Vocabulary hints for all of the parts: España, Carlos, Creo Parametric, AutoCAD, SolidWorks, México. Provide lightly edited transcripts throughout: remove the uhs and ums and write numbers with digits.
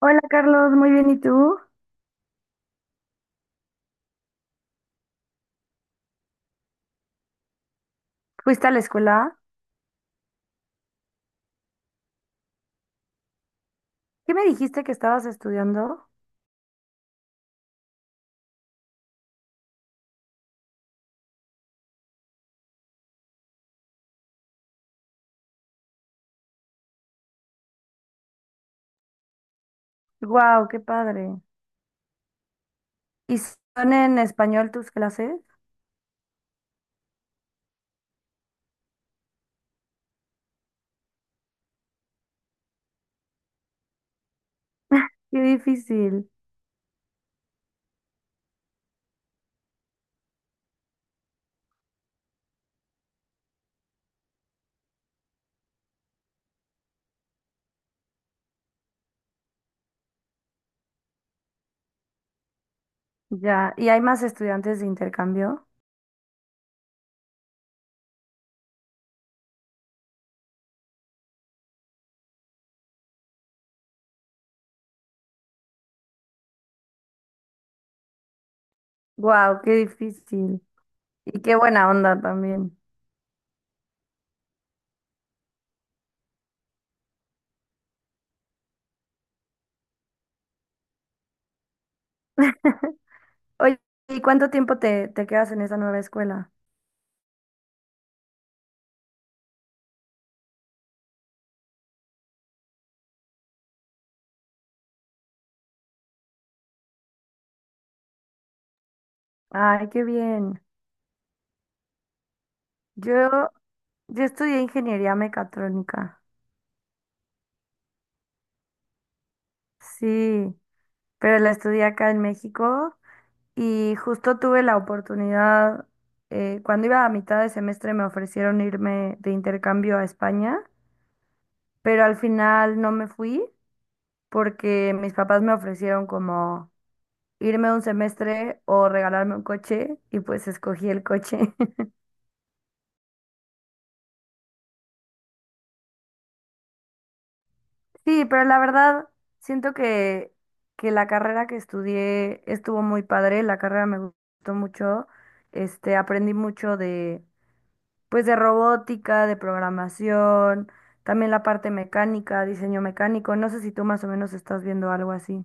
Hola Carlos, muy bien, ¿y tú? ¿Fuiste a la escuela? ¿Qué me dijiste que estabas estudiando? ¡Wow, qué padre! ¿Y son en español tus clases? ¡Qué difícil! Ya, ¿y hay más estudiantes de intercambio? ¡Wow, qué difícil! Y qué buena onda también. Oye, ¿y cuánto tiempo te quedas en esa nueva escuela? ¡Ay, qué bien! Yo, yo estudié ingeniería mecatrónica. Sí, pero la estudié acá en México. Y justo tuve la oportunidad, cuando iba a mitad de semestre me ofrecieron irme de intercambio a España, pero al final no me fui porque mis papás me ofrecieron como irme un semestre o regalarme un coche y pues escogí el coche. Sí, pero la verdad siento que la carrera que estudié estuvo muy padre, la carrera me gustó mucho, aprendí mucho de pues de robótica, de programación, también la parte mecánica, diseño mecánico. No sé si tú más o menos estás viendo algo así.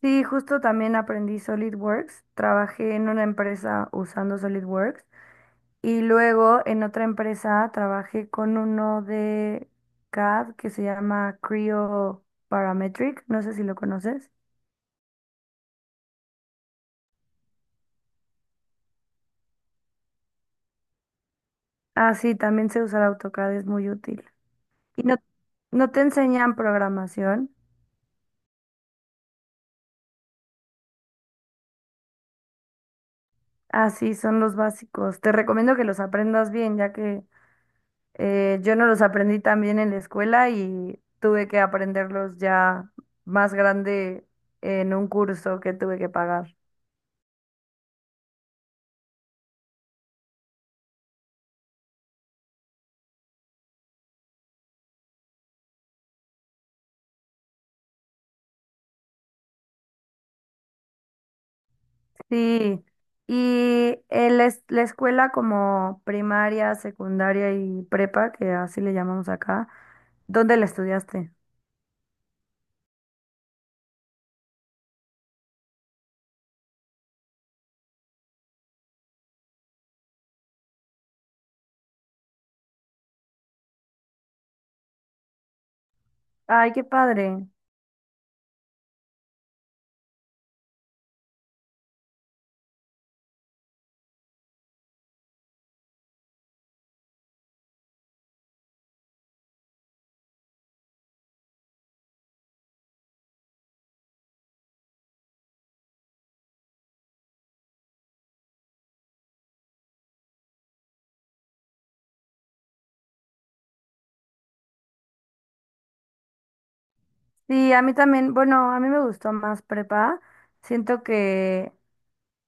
Sí, justo también aprendí SolidWorks. Trabajé en una empresa usando SolidWorks y luego en otra empresa trabajé con uno de CAD que se llama Creo Parametric. No sé si lo conoces. Ah, sí, también sé usar AutoCAD, es muy útil. Y no, no te enseñan programación. Así son los básicos. Te recomiendo que los aprendas bien, ya que yo no los aprendí tan bien en la escuela y tuve que aprenderlos ya más grande en un curso que tuve que pagar. Sí, y la escuela como primaria, secundaria y prepa, que así le llamamos acá, ¿dónde la estudiaste? Ay, qué padre. Sí, a mí también, bueno, a mí me gustó más prepa. Siento que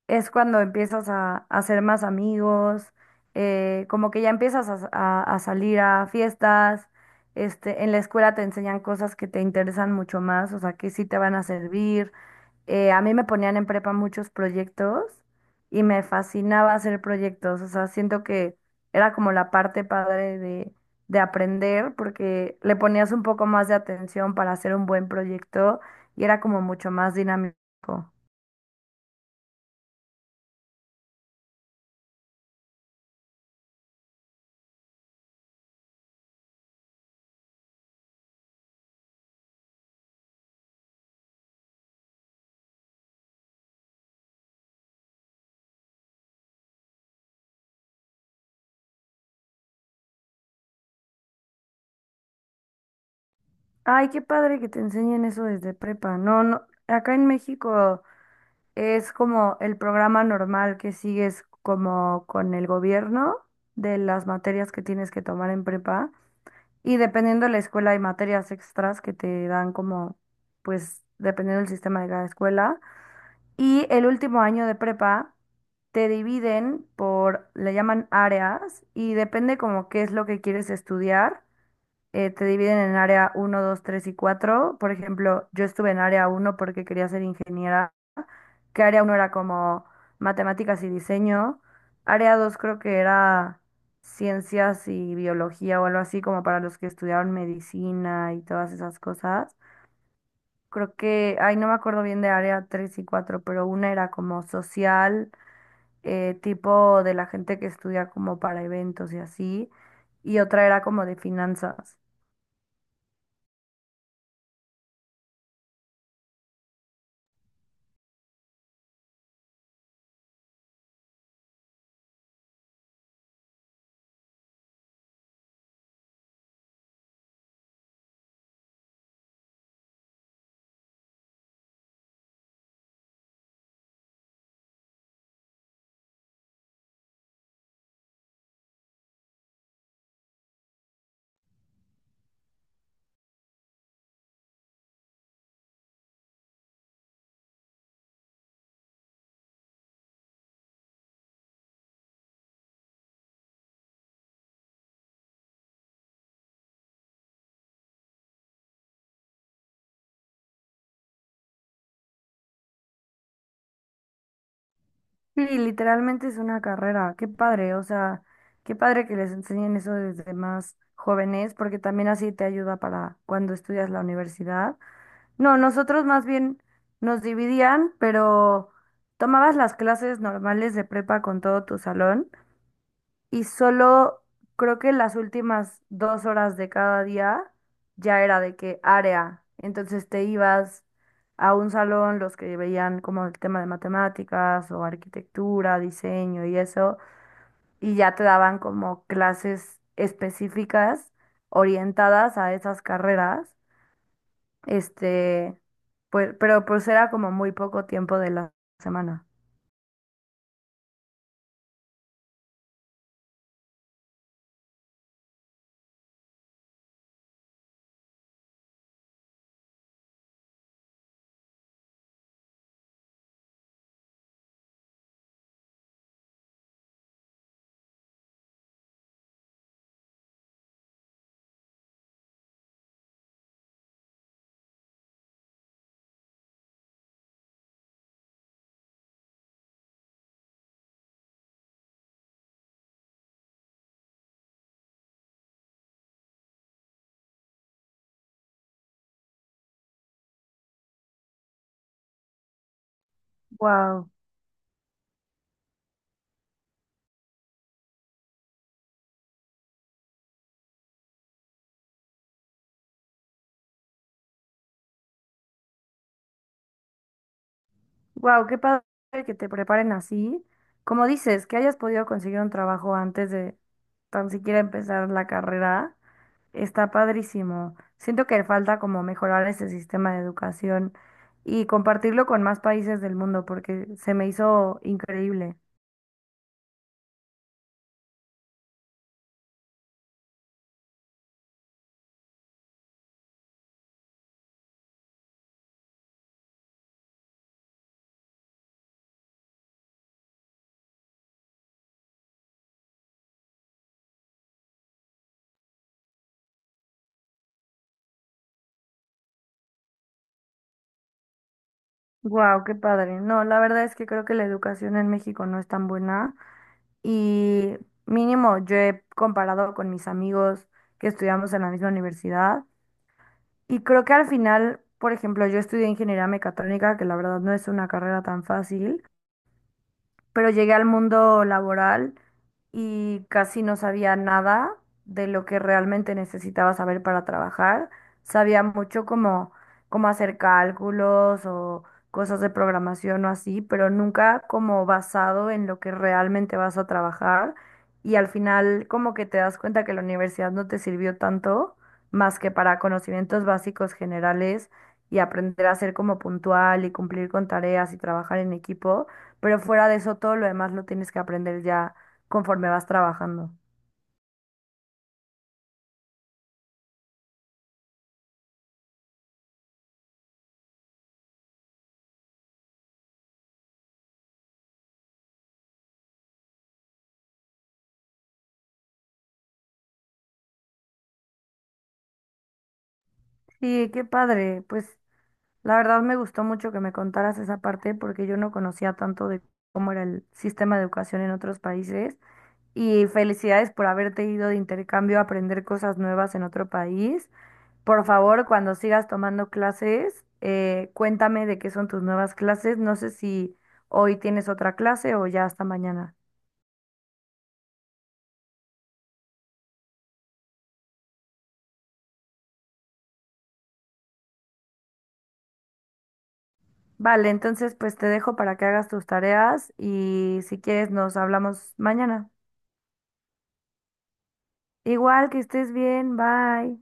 es cuando empiezas a hacer más amigos, como que ya empiezas a salir a fiestas, en la escuela te enseñan cosas que te interesan mucho más, o sea, que sí te van a servir. A mí me ponían en prepa muchos proyectos y me fascinaba hacer proyectos, o sea, siento que era como la parte padre de aprender porque le ponías un poco más de atención para hacer un buen proyecto y era como mucho más dinámico. Ay, qué padre que te enseñen eso desde prepa. No, no, acá en México es como el programa normal que sigues como con el gobierno de las materias que tienes que tomar en prepa. Y dependiendo de la escuela hay materias extras que te dan como, pues, dependiendo del sistema de cada escuela. Y el último año de prepa te dividen por, le llaman áreas y depende como qué es lo que quieres estudiar, te dividen en área uno 2 3 y cuatro. Por ejemplo, yo estuve en área uno porque quería ser ingeniera, que área uno era como matemáticas y diseño. Área 2 creo que era ciencias y biología o algo así, como para los que estudiaron medicina y todas esas cosas. Creo que, ay, no me acuerdo bien de área 3 y cuatro, pero una era como social, tipo de la gente que estudia como para eventos y así, y otra era como de finanzas. Sí, literalmente es una carrera. Qué padre, o sea, qué padre que les enseñen eso desde más jóvenes, porque también así te ayuda para cuando estudias la universidad. No, nosotros más bien nos dividían, pero tomabas las clases normales de prepa con todo tu salón y solo creo que las últimas dos horas de cada día ya era de qué área. Entonces te ibas a un salón, los que veían como el tema de matemáticas o arquitectura, diseño y eso, y ya te daban como clases específicas orientadas a esas carreras. Este, pues, pero pues era como muy poco tiempo de la semana. Wow. Wow, qué padre que te preparen así. Como dices, que hayas podido conseguir un trabajo antes de tan siquiera empezar la carrera, está padrísimo. Siento que falta como mejorar ese sistema de educación y compartirlo con más países del mundo porque se me hizo increíble. Wow, qué padre. No, la verdad es que creo que la educación en México no es tan buena y mínimo yo he comparado con mis amigos que estudiamos en la misma universidad. Y creo que al final, por ejemplo, yo estudié ingeniería mecatrónica, que la verdad no es una carrera tan fácil, pero llegué al mundo laboral y casi no sabía nada de lo que realmente necesitaba saber para trabajar. Sabía mucho como cómo hacer cálculos o cosas de programación o así, pero nunca como basado en lo que realmente vas a trabajar. Y al final como que te das cuenta que la universidad no te sirvió tanto más que para conocimientos básicos generales y aprender a ser como puntual y cumplir con tareas y trabajar en equipo, pero fuera de eso, todo lo demás lo tienes que aprender ya conforme vas trabajando. Sí, qué padre. Pues la verdad me gustó mucho que me contaras esa parte porque yo no conocía tanto de cómo era el sistema de educación en otros países. Y felicidades por haberte ido de intercambio a aprender cosas nuevas en otro país. Por favor, cuando sigas tomando clases, cuéntame de qué son tus nuevas clases. No sé si hoy tienes otra clase o ya hasta mañana. Vale, entonces pues te dejo para que hagas tus tareas y si quieres nos hablamos mañana. Igual que estés bien, bye.